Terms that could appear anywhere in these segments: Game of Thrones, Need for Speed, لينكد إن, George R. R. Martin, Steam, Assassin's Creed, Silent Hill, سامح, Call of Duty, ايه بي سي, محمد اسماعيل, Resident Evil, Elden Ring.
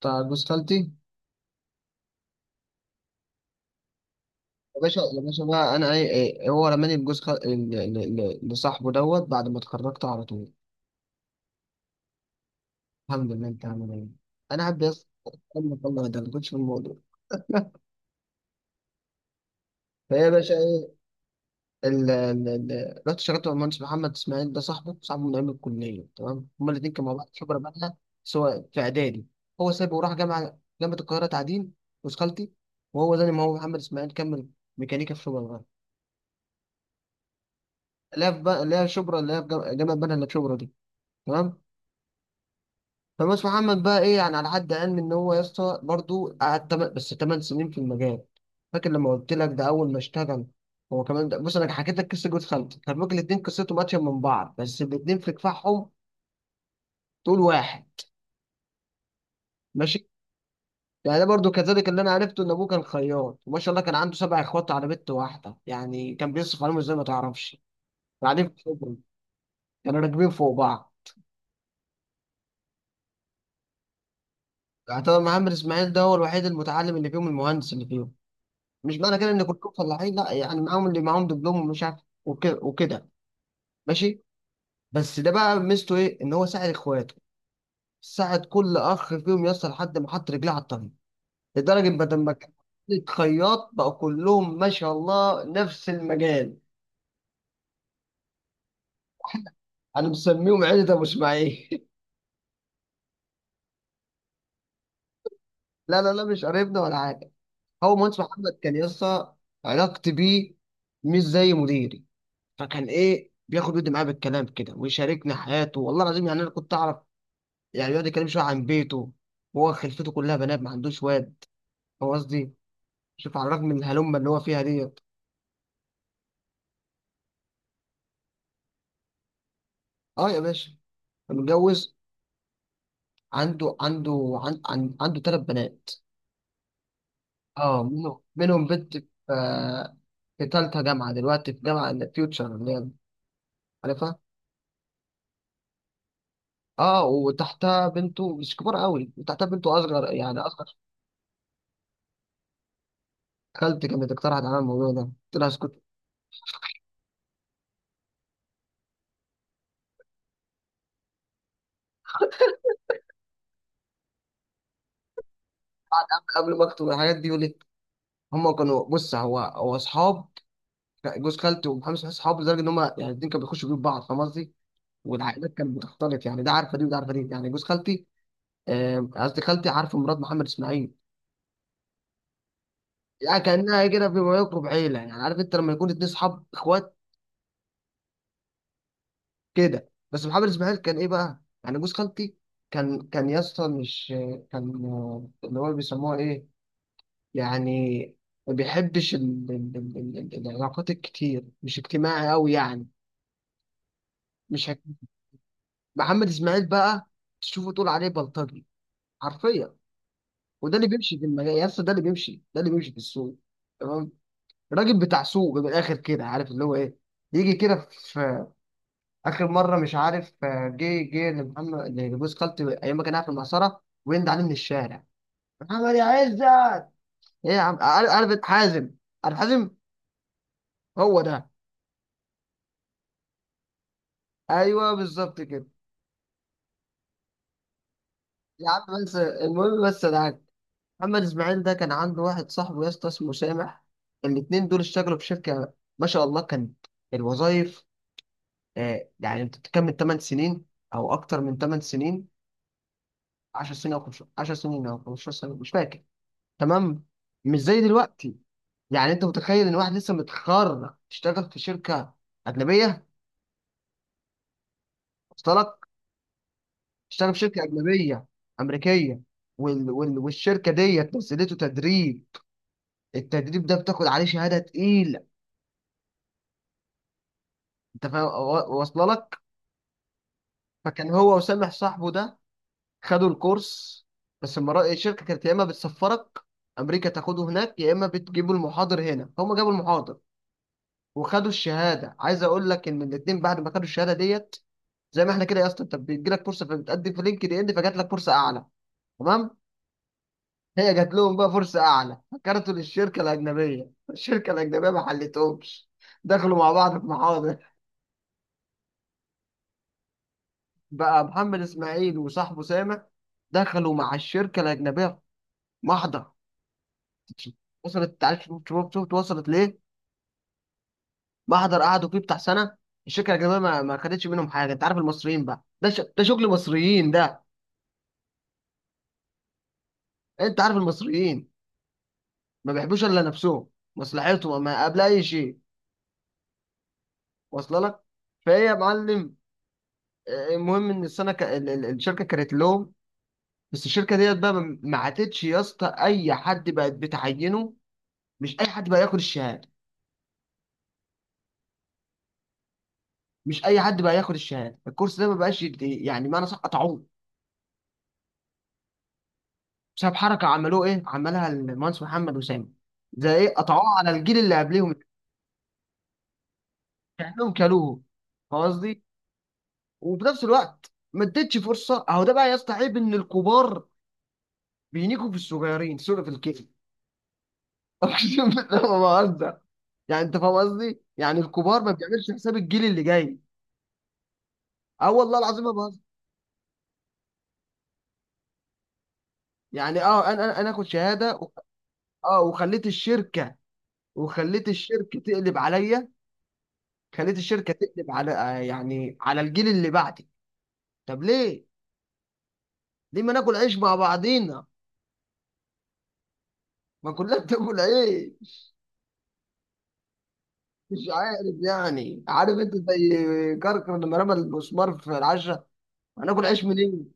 بتاع جوز خالتي. يا باشا يا باشا بقى انا ايه إيه، إيه، هو رماني لجوز خال... ل- ل- ل- لصاحبه دوت بعد ما اتخرجت على طول. الحمد لله. انت عامل ايه؟ انا قاعد بس. الله الله، ده ما كنتش في الموضوع. فهي يا باشا ايه. رحت شغلت مع المهندس محمد اسماعيل ده، صاحبه من ايام الكليه، تمام؟ هما الاثنين كانوا مع بعض، خبره بقى، سواء في اعدادي. هو سابه وراح جامعه القاهره تعدين، جوز خالتي. وهو زي ما هو محمد اسماعيل كمل ميكانيكا في شبرا. لا في بقى، لا شبرا، لا في جامعه بنها الا في شبرا دي. تمام. فمس محمد بقى ايه يعني، على حد علمي ان هو يا اسطى برضه قعد بس 8 سنين في المجال. فاكر لما قلت لك ده اول ما اشتغل. هو كمان ده، بص، انا حكيت لك قصه جوز خالتي، كان ممكن الاثنين قصتهم اتشابه من بعض، بس الاثنين في كفاحهم طول واحد. ماشي. يعني ده برضه كذلك، اللي انا عرفته ان ابوه كان خياط، وما شاء الله كان عنده سبع اخوات على بنت واحده. يعني كان بيصرف عليهم ازاي، ما تعرفش. قاعدين في شبرا، كانوا راكبين فوق بعض. يعتبر محمد اسماعيل ده هو الوحيد المتعلم اللي فيهم، المهندس اللي فيهم. مش معنى كده ان كلكم فلاحين، لا، يعني معاهم اللي معاهم دبلوم ومش عارف وكده وكده. ماشي. بس ده بقى ميزته ايه، ان هو ساعد اخواته، ساعد كل اخ فيهم يصل لحد ما حط رجليه على الطريق. لدرجه بدل ما كان خياط بقى كلهم ما شاء الله نفس المجال. انا مسميهم عيله ابو اسماعيل لا لا لا، مش قريبنا ولا حاجه. هو مهندس محمد كان يسطا علاقتي بيه مش زي مديري. فكان ايه، بياخد ودي معاه بالكلام كده ويشاركني حياته، والله العظيم، يعني انا كنت اعرف. يعني بيقعد يتكلم شوية عن بيته. هو خلفته كلها بنات، ما عندوش واد. هو قصدي شوف على الرغم من الهلمة اللي هو فيها ديت. اه يا باشا، متجوز. عنده عنده عن عن عنده ثلاث بنات. اه، منهم بنت في في ثالثة جامعة دلوقتي، في جامعة فيوتشر، اللي هي عارفها. اه، وتحتها بنته مش كبار قوي، وتحتها بنته اصغر، يعني اصغر. خالتي كانت اقترحت على الموضوع ده، قلت لها اسكت قبل ما اكتب الحاجات دي يقول لي. هم كانوا، بص، هو اصحاب. لا، جوز خالته ومحمد صلاح اصحابه لدرجه ان هم يعني الاثنين كانوا بيخشوا بيوت بعض، فاهم قصدي؟ والعائلات كانت بتختلط، يعني ده عارفه دي وده عارفه دي، يعني جوز خالتي قصدي خالتي عارفه مرات محمد اسماعيل. يعني كانها كده بما يقرب عيله، يعني عارف انت لما يكون اتنين اصحاب اخوات كده. بس محمد اسماعيل كان ايه بقى؟ يعني جوز خالتي كان يا اسطى مش كان اللي هو بيسموها ايه؟ يعني ما بيحبش العلاقات الكتير، مش اجتماعي قوي يعني. مش هك... محمد اسماعيل بقى تشوفه تقول عليه بلطجي، حرفيا. وده اللي بيمشي في المجال يا اسطى، ده اللي بيمشي، ده اللي بيمشي في السوق. تمام. راجل بتاع سوق من الاخر كده، عارف اللي هو ايه. يجي كده في اخر مره، مش عارف، جه لمحمد لجوز خالتي ايام ما كان قاعد في المعصره، ويند عليه من الشارع، محمد يا عزت. ايه يا عم؟ عارف حازم، عارف حازم. هو ده. ايوه بالظبط كده. يا عم بس المهم، بس ده عارف. محمد اسماعيل ده كان عنده واحد صاحبه يا اسطى اسمه سامح. الاتنين دول اشتغلوا في شركه، ما شاء الله. كان الوظائف يعني انت بتكمل 8 سنين او اكتر من 8 سنين، 10 سنين، او 10 سنين او 15 سنه مش فاكر، تمام؟ مش زي دلوقتي. يعني انت متخيل ان واحد لسه متخرج اشتغل في شركه اجنبيه؟ وصلك. اشتغل في شركه اجنبيه امريكيه، والشركه ديت نزلته تدريب. التدريب ده بتاخد عليه شهاده تقيله، انت فاهم، واصله لك. فكان هو وسامح صاحبه ده خدوا الكورس. بس المرة الشركة كانت يا إما بتسفرك أمريكا تاخده هناك، يا إما بتجيبوا المحاضر هنا، فهم جابوا المحاضر وخدوا الشهادة. عايز أقول لك إن الاتنين بعد ما خدوا الشهادة ديت، زي ما إحنا كده يا اسطى، أنت بيجيلك فرصة فبتقدم في لينكد إن، فجات لك فرصة أعلى، تمام؟ هي جات لهم بقى فرصة أعلى، فكرتوا للشركة الأجنبية، الشركة الأجنبية ما حلتهمش. دخلوا مع بعض في محاضر. بقى محمد إسماعيل وصاحبه سامح دخلوا مع الشركة الأجنبية في محضر. وصلت؟ عارف، شوف وصلت ليه. محضر قعدوا فيه بتاع سنه، الشركه الاجنبيه ما خدتش منهم حاجه. انت عارف المصريين بقى، ده شغل مصريين ده. انت عارف المصريين، ما بيحبوش الا نفسهم، مصلحتهم ما قبل اي شيء. واصله لك. فهي يا معلم، المهم ان السنه الشركه كانت لهم. بس الشركه ديت بقى، ما عاتتش يا اسطى اي حد بقت بتعينه. مش اي حد بقى ياخد الشهاده، مش اي حد بقى ياخد الشهاده. الكورس ده ما بقاش يعني معنى صح قطعوه، بسبب حركه عملوه ايه، عملها المهندس محمد وسامي. زي ايه؟ قطعوه على الجيل اللي قبليهم، كانهم كلوه، فاهم قصدي؟ وفي نفس الوقت ما اديتش فرصه. اهو ده بقى يستعيب، ان الكبار بينيكوا في الصغيرين، سوري في الكيف. اقسم بالله ما بهزر، يعني انت فاهم قصدي، يعني الكبار ما بيعملش حساب الجيل اللي جاي. اه والله العظيم ما بهزر. يعني اه، انا اخد شهاده اه، وخليت الشركه، وخليت الشركه تقلب عليا، خليت الشركه تقلب على يعني على الجيل اللي بعدي. طب ليه؟ ليه ما ناكل عيش مع بعضينا، ما كلنا بتاكل عيش. مش عارف، يعني عارف انت زي كركر لما رمى المسمار في العشرة، هناكل عيش منين.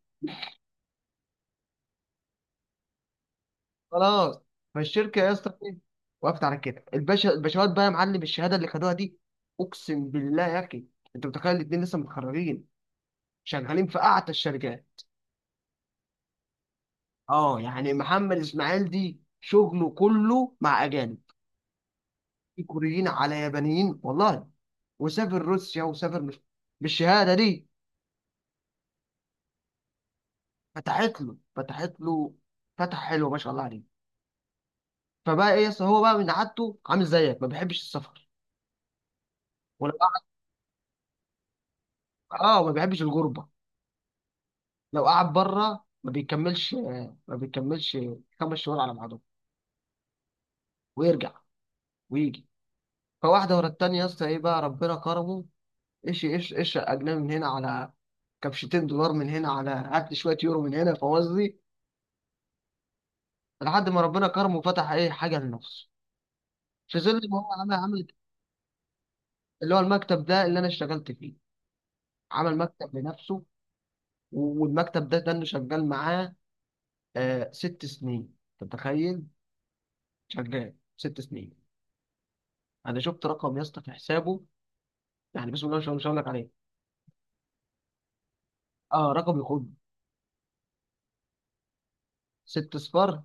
خلاص. فالشركة يا اسطى ايه؟ وقفت على كده. الباشا الباشوات بقى يا معلم، الشهادة اللي خدوها دي، اقسم بالله يا اخي، انت متخيل الاتنين لسه متخرجين شغالين في اعتى الشركات. اه يعني محمد اسماعيل دي شغله كله مع اجانب، في كوريين على يابانيين والله، وسافر روسيا وسافر مش... بالشهادة دي فتحت له فتحة حلوة ما شاء الله عليه. فبقى ايه، يس هو بقى من عادته عامل زيك، ما بيحبش السفر، ولو قعد، اه، ما بيحبش الغربة. لو قعد بره ما بيكملش ما بيكملش خمس شهور على بعضهم، ويرجع ويجي. فواحدة ورا التانية يا اسطى، ايه بقى، ربنا كرمه. ايش ايش ايش اجنبي من هنا، على كبشتين دولار من هنا، على هات شوية يورو من هنا، فاهم قصدي؟ لحد ما ربنا كرمه وفتح ايه حاجة لنفسه، في ظل ما هو عمل عمل اللي هو المكتب ده اللي انا اشتغلت فيه. عمل مكتب لنفسه، والمكتب ده اللي شغال معاه آه ست سنين، انت متخيل؟ شغال ست سنين. انا شفت رقم يا اسطى في حسابه، يعني بسم الله ما شاء الله، مش هقول لك عليه. اه، رقم يخد. ست صفار،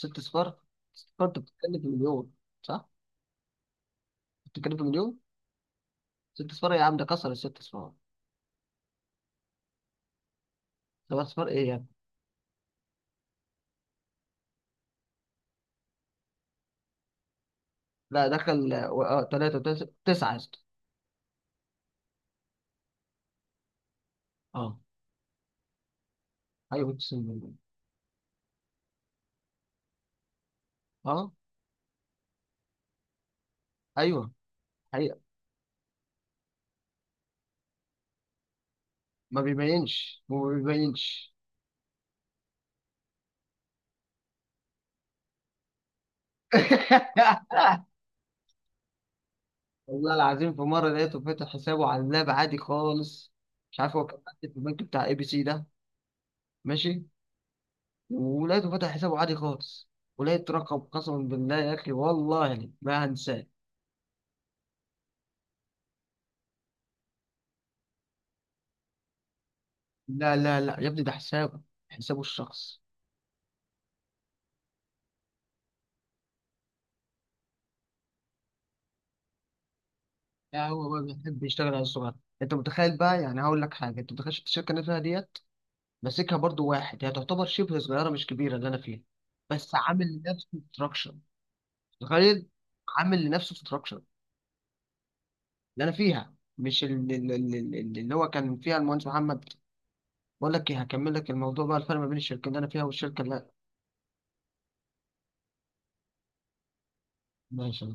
ست صفار. ست صفار انت بتتكلم في مليون، صح؟ بتتكلم في مليون. ست صفار يا عم، ده كسر الست صفار. سبع صفار ايه يعني؟ لا، دخل اه ثلاثة تسعة يا اسطى. اه، ايوه 90 مليون، اه، ايوه، حقيقة. ما بيبينش ما بيبينش. والله العظيم في مرة لقيته فاتح حسابه على اللاب عادي خالص، مش عارف، هو كان قاعد في البنك بتاع ABC ده. ماشي. ولقيته فاتح حسابه عادي خالص، ولقيت رقم، قسما بالله يا اخي والله ما هنساه. لا لا لا يا ابني، ده حسابه، حسابه الشخص. لا هو بقى بيحب يشتغل على الصغير. انت متخيل بقى، يعني هقول لك حاجه، انت متخيل الشركه اللي أنا فيها ديت، ماسكها برضو واحد، هي تعتبر شبه صغيره مش كبيره اللي انا فيها. بس عامل لنفسه ستراكشر، تخيل. عامل لنفسه ستراكشر اللي انا فيها، مش اللي, اللي, اللي اللي هو كان فيها المهندس محمد. بقول لك ايه، هكمل لك الموضوع بقى، الفرق ما بين الشركه اللي انا فيها والشركه اللي ماشي